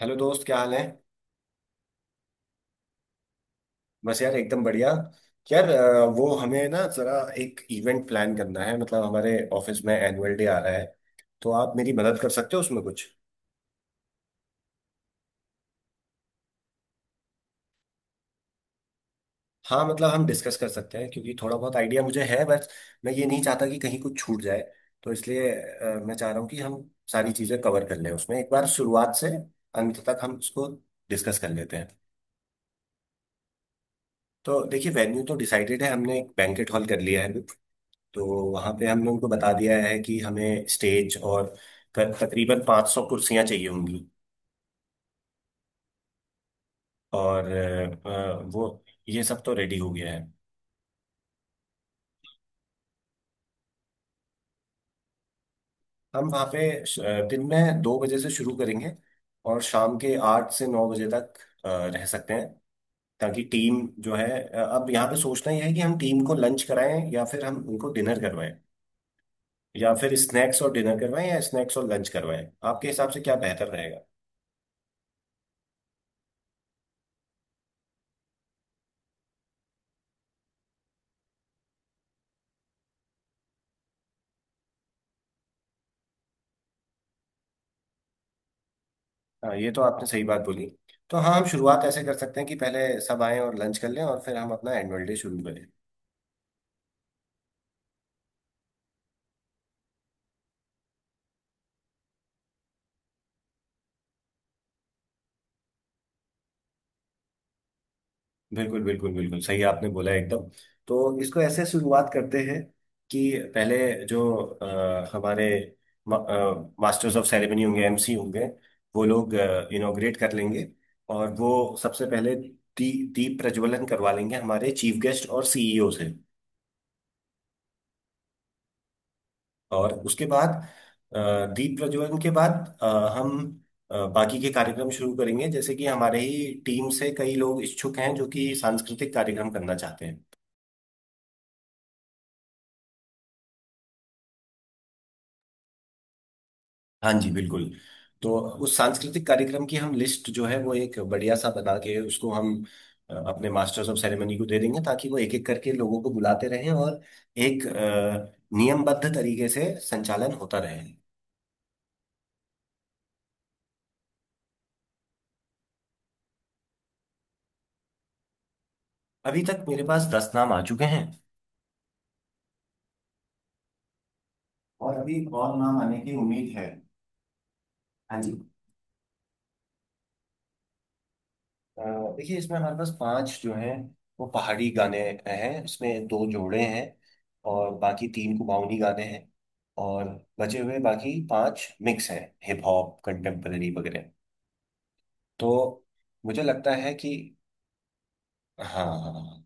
Hello दोस्त, क्या हाल है। बस यार, एकदम बढ़िया। यार, वो हमें ना जरा एक इवेंट प्लान करना है। मतलब हमारे ऑफिस में एनुअल डे आ रहा है। तो आप मेरी मदद कर सकते हो उसमें कुछ। हाँ, मतलब हम डिस्कस कर सकते हैं, क्योंकि थोड़ा बहुत आइडिया मुझे है बस। मैं ये नहीं चाहता कि कहीं कुछ छूट जाए। तो इसलिए मैं चाह रहा हूँ कि हम सारी चीज़ें कवर कर लें उसमें एक बार शुरुआत से अंत तक हम उसको डिस्कस कर लेते हैं। तो देखिए, वेन्यू तो डिसाइडेड है, हमने एक बैंकेट हॉल कर लिया है। तो वहाँ पे हम लोगों को बता दिया है कि हमें स्टेज और तकरीबन 500 कुर्सियाँ चाहिए होंगी। और अ, अ, वो ये सब तो रेडी हो गया है। हम वहाँ पे दिन में 2 बजे से शुरू करेंगे और शाम के 8 से 9 बजे तक अ, रह सकते हैं। ताकि टीम जो है, अब यहाँ पे सोचना ही है कि हम टीम को लंच कराएं या फिर हम उनको डिनर करवाएं या फिर स्नैक्स और डिनर करवाएं या स्नैक्स और लंच करवाएं, आपके हिसाब से क्या बेहतर रहेगा। हाँ, ये तो आपने सही बात बोली। तो हाँ, हम शुरुआत ऐसे कर सकते हैं कि पहले सब आएं और लंच कर लें और फिर हम अपना एनुअल डे शुरू करें। बिल्कुल, बिल्कुल, बिल्कुल सही आपने बोला, एकदम। तो इसको ऐसे शुरुआत करते हैं कि पहले जो हमारे मास्टर्स ऑफ सेरेमनी होंगे, एमसी होंगे, वो लोग इनॉग्रेट कर लेंगे। और वो सबसे पहले दीप प्रज्वलन करवा लेंगे हमारे चीफ गेस्ट और सीईओ से। और उसके बाद दीप प्रज्वलन के बाद अ, हम बाकी के कार्यक्रम शुरू करेंगे, जैसे कि हमारे ही टीम से कई लोग इच्छुक हैं जो कि सांस्कृतिक कार्यक्रम करना चाहते हैं। हाँ जी, बिल्कुल। तो उस सांस्कृतिक कार्यक्रम की हम लिस्ट जो है वो एक बढ़िया सा बना के उसको हम अपने मास्टर्स ऑफ सेरेमनी को दे देंगे ताकि वो एक एक करके लोगों को बुलाते रहें और एक नियमबद्ध तरीके से संचालन होता रहे। अभी तक मेरे पास 10 नाम आ चुके हैं और अभी और नाम आने की उम्मीद है। हाँ जी। अ, देखिए, इसमें हमारे पास पांच जो हैं, वो पहाड़ी गाने हैं, उसमें दो जोड़े हैं। और बाकी तीन कुमाऊनी गाने हैं। और बचे हुए बाकी पांच मिक्स हैं, हिप हॉप, कंटेम्पररी वगैरह। तो मुझे लगता है कि हाँ, हाँ,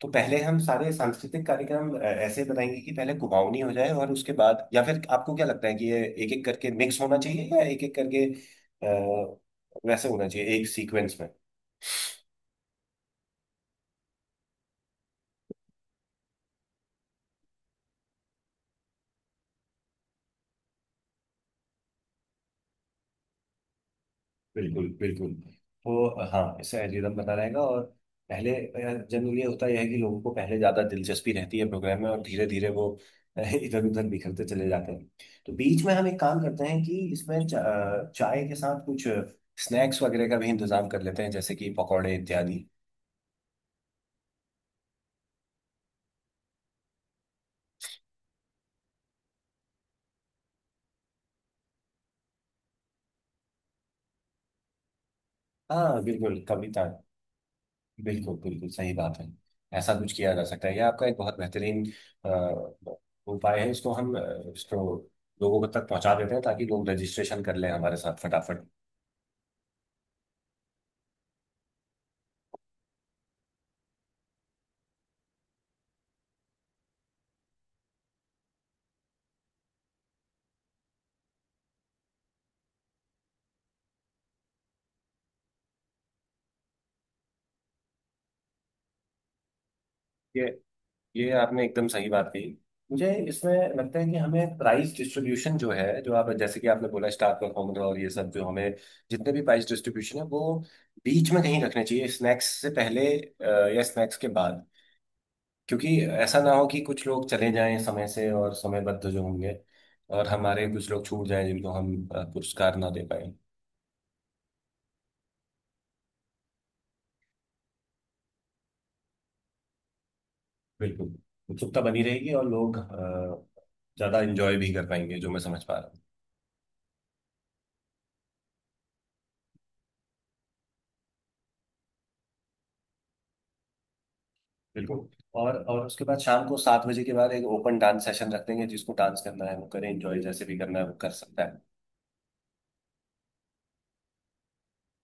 तो पहले हम सारे सांस्कृतिक कार्यक्रम ऐसे बनाएंगे कि पहले कुमाऊनी हो जाए और उसके बाद, या फिर आपको क्या लगता है कि ये एक एक करके मिक्स होना चाहिए या एक एक करके अ, वैसे होना चाहिए, एक सीक्वेंस में? बिल्कुल, बिल्कुल। तो हाँ, इससे एल्गोरिदम बना रहेगा। और पहले जनरली ये होता यह है कि लोगों को पहले ज़्यादा दिलचस्पी रहती है प्रोग्राम में और धीरे धीरे वो इधर उधर बिखरते चले जाते हैं। तो बीच में हम एक काम करते हैं कि इसमें चाय के साथ कुछ स्नैक्स वगैरह का भी इंतजाम कर लेते हैं, जैसे कि पकौड़े इत्यादि। हाँ, बिल्कुल, कविता, बिल्कुल, बिल्कुल सही बात है। ऐसा कुछ किया जा सकता है। ये आपका एक बहुत बेहतरीन अ, उपाय है। इसको लोगों तक पहुंचा देते हैं ताकि लोग रजिस्ट्रेशन कर लें हमारे साथ फटाफट। ये ये आपने एकदम सही बात कही। मुझे इसमें लगता है कि हमें प्राइस डिस्ट्रीब्यूशन जो है, जो आप, जैसे कि आपने बोला, स्टार परफॉर्मर और ये सब, जो हमें जितने भी प्राइस डिस्ट्रीब्यूशन है वो बीच में कहीं रखने चाहिए, स्नैक्स से पहले या स्नैक्स के बाद। क्योंकि ऐसा ना हो कि कुछ लोग चले जाएं समय से, और समयबद्ध जो होंगे, और हमारे कुछ लोग छूट जाएं जिनको हम पुरस्कार ना दे पाए। बिल्कुल। उत्सुकता बनी रहेगी और लोग ज्यादा इंजॉय भी कर पाएंगे, जो मैं समझ पा रहा हूँ। बिल्कुल। और उसके बाद शाम को 7 बजे के बाद एक ओपन डांस सेशन रख देंगे, जिसको डांस करना है वो करे, इंजॉय जैसे भी करना है वो कर सकता है।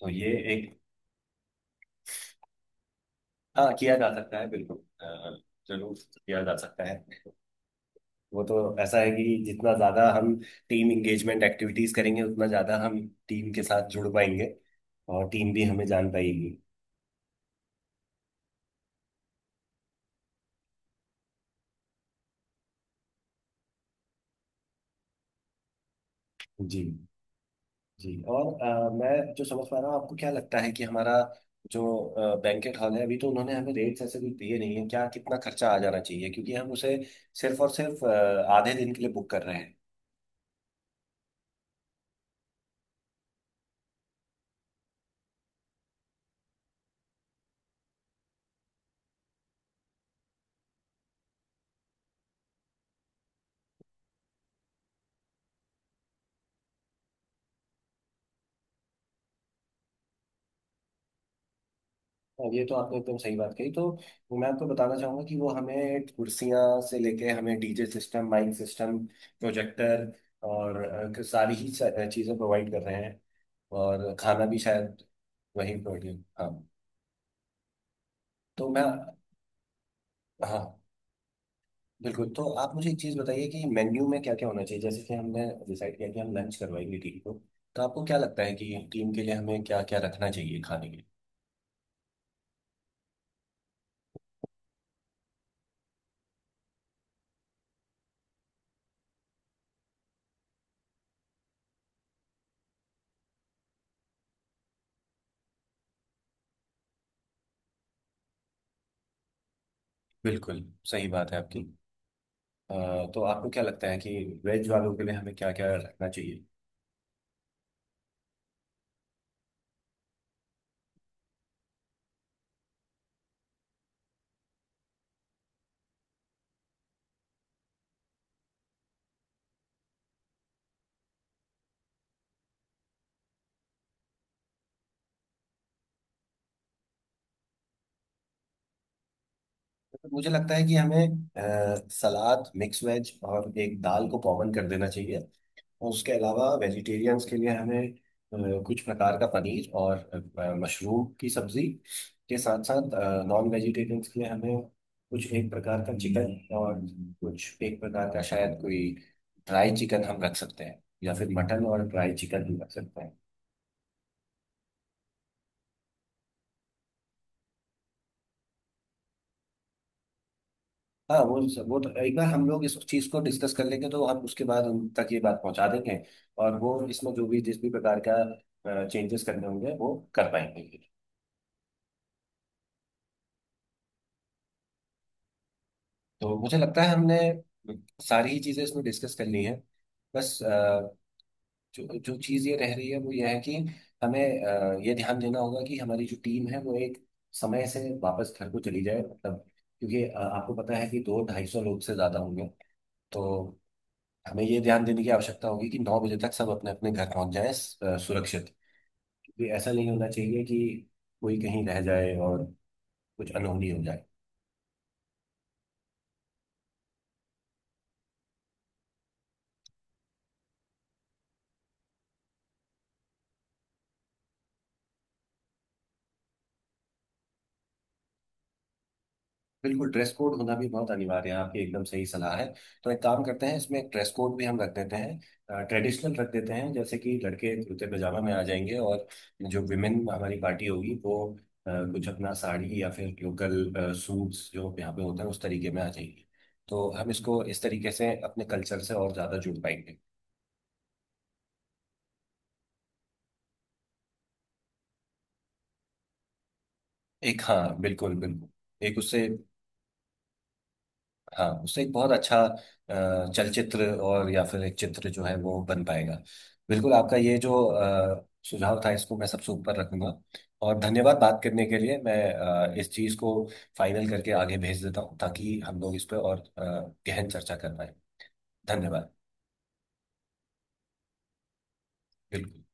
तो ये एक। हाँ, किया जा सकता है, बिल्कुल। अ, जरूर किया जा सकता है। वो तो ऐसा है कि जितना ज्यादा हम टीम इंगेजमेंट एक्टिविटीज करेंगे, उतना ज्यादा हम टीम के साथ जुड़ पाएंगे और टीम भी हमें जान पाएगी। जी, जी। और मैं जो समझ पा रहा हूँ, आपको क्या लगता है कि हमारा जो बैंकेट हॉल है, अभी तो उन्होंने हमें रेट्स ऐसे कुछ दिए नहीं है, क्या कितना खर्चा आ जाना चाहिए क्योंकि हम उसे सिर्फ और सिर्फ आधे दिन के लिए बुक कर रहे हैं। हाँ, ये तो आपने एकदम सही बात कही। तो मैं आपको बताना चाहूंगा कि वो हमें कुर्सियां से लेके हमें DJ system, mic system, projector और सारी ही चीज़ें प्रोवाइड कर रहे हैं। और खाना भी शायद वही प्रोवाइड, हाँ। तो मैं, हाँ, बिल्कुल। तो आप मुझे एक चीज़ बताइए कि मेन्यू में क्या क्या होना चाहिए, जैसे कि हमने डिसाइड किया कि हम लंच करवाएंगे टीम को। तो आपको क्या लगता है कि टीम के लिए हमें क्या क्या रखना चाहिए खाने के। बिल्कुल, सही बात है आपकी। अ, तो आपको क्या लगता है कि वेज वालों के लिए हमें क्या क्या रखना चाहिए। तो मुझे लगता है कि हमें सलाद, मिक्स वेज और एक दाल को कॉमन कर देना चाहिए। और उसके अलावा वेजिटेरियंस के लिए हमें कुछ प्रकार का पनीर और मशरूम की सब्जी के साथ साथ नॉन वेजिटेरियंस के लिए हमें कुछ एक प्रकार का चिकन और कुछ एक प्रकार का, शायद कोई ड्राई चिकन हम रख सकते हैं, या फिर मटन और ड्राई चिकन भी रख सकते हैं। हाँ वो तो एक बार हम लोग इस चीज़ को डिस्कस कर लेंगे तो हम उसके बाद उन तक ये बात पहुंचा देंगे। और वो इसमें जो भी, जिस भी प्रकार का चेंजेस करने होंगे, वो कर पाएंगे। तो मुझे लगता है हमने सारी ही चीजें इसमें डिस्कस कर ली हैं। बस, जो जो चीज़ ये रह रही है वो ये है कि हमें ये ध्यान देना होगा कि हमारी जो टीम है वो एक समय से वापस घर को चली जाए, मतलब। क्योंकि आपको पता है कि दो 250 लोग से ज्यादा होंगे। तो हमें ये ध्यान देने की आवश्यकता होगी कि 9 बजे तक सब अपने अपने घर पहुंच जाएं, सुरक्षित। क्योंकि ऐसा नहीं होना चाहिए कि कोई कहीं रह जाए और कुछ अनहोनी हो जाए। बिल्कुल, ड्रेस कोड होना भी बहुत अनिवार्य है, आपकी एकदम सही सलाह है। तो एक काम करते हैं, इसमें एक ड्रेस कोड भी हम रख देते हैं, ट्रेडिशनल रख देते हैं, जैसे कि लड़के कुर्ते पजामा में आ जाएंगे। और जो विमेन हमारी पार्टी होगी वो कुछ अपना साड़ी या फिर लोकल सूट्स जो यहाँ पे होते हैं, उस तरीके में आ जाएंगी। तो हम इसको इस तरीके से अपने कल्चर से और ज़्यादा जुड़ पाएंगे। एक, हाँ, बिल्कुल, बिल्कुल। एक उससे। हाँ, उससे एक बहुत अच्छा चलचित्र, और या फिर एक चित्र जो है वो बन पाएगा। बिल्कुल, आपका ये जो सुझाव था, इसको मैं सबसे ऊपर रखूंगा। और धन्यवाद बात करने के लिए। मैं इस चीज़ को फाइनल करके आगे भेज देता हूँ ताकि हम लोग इस पर और गहन चर्चा कर पाए। धन्यवाद। बिल्कुल।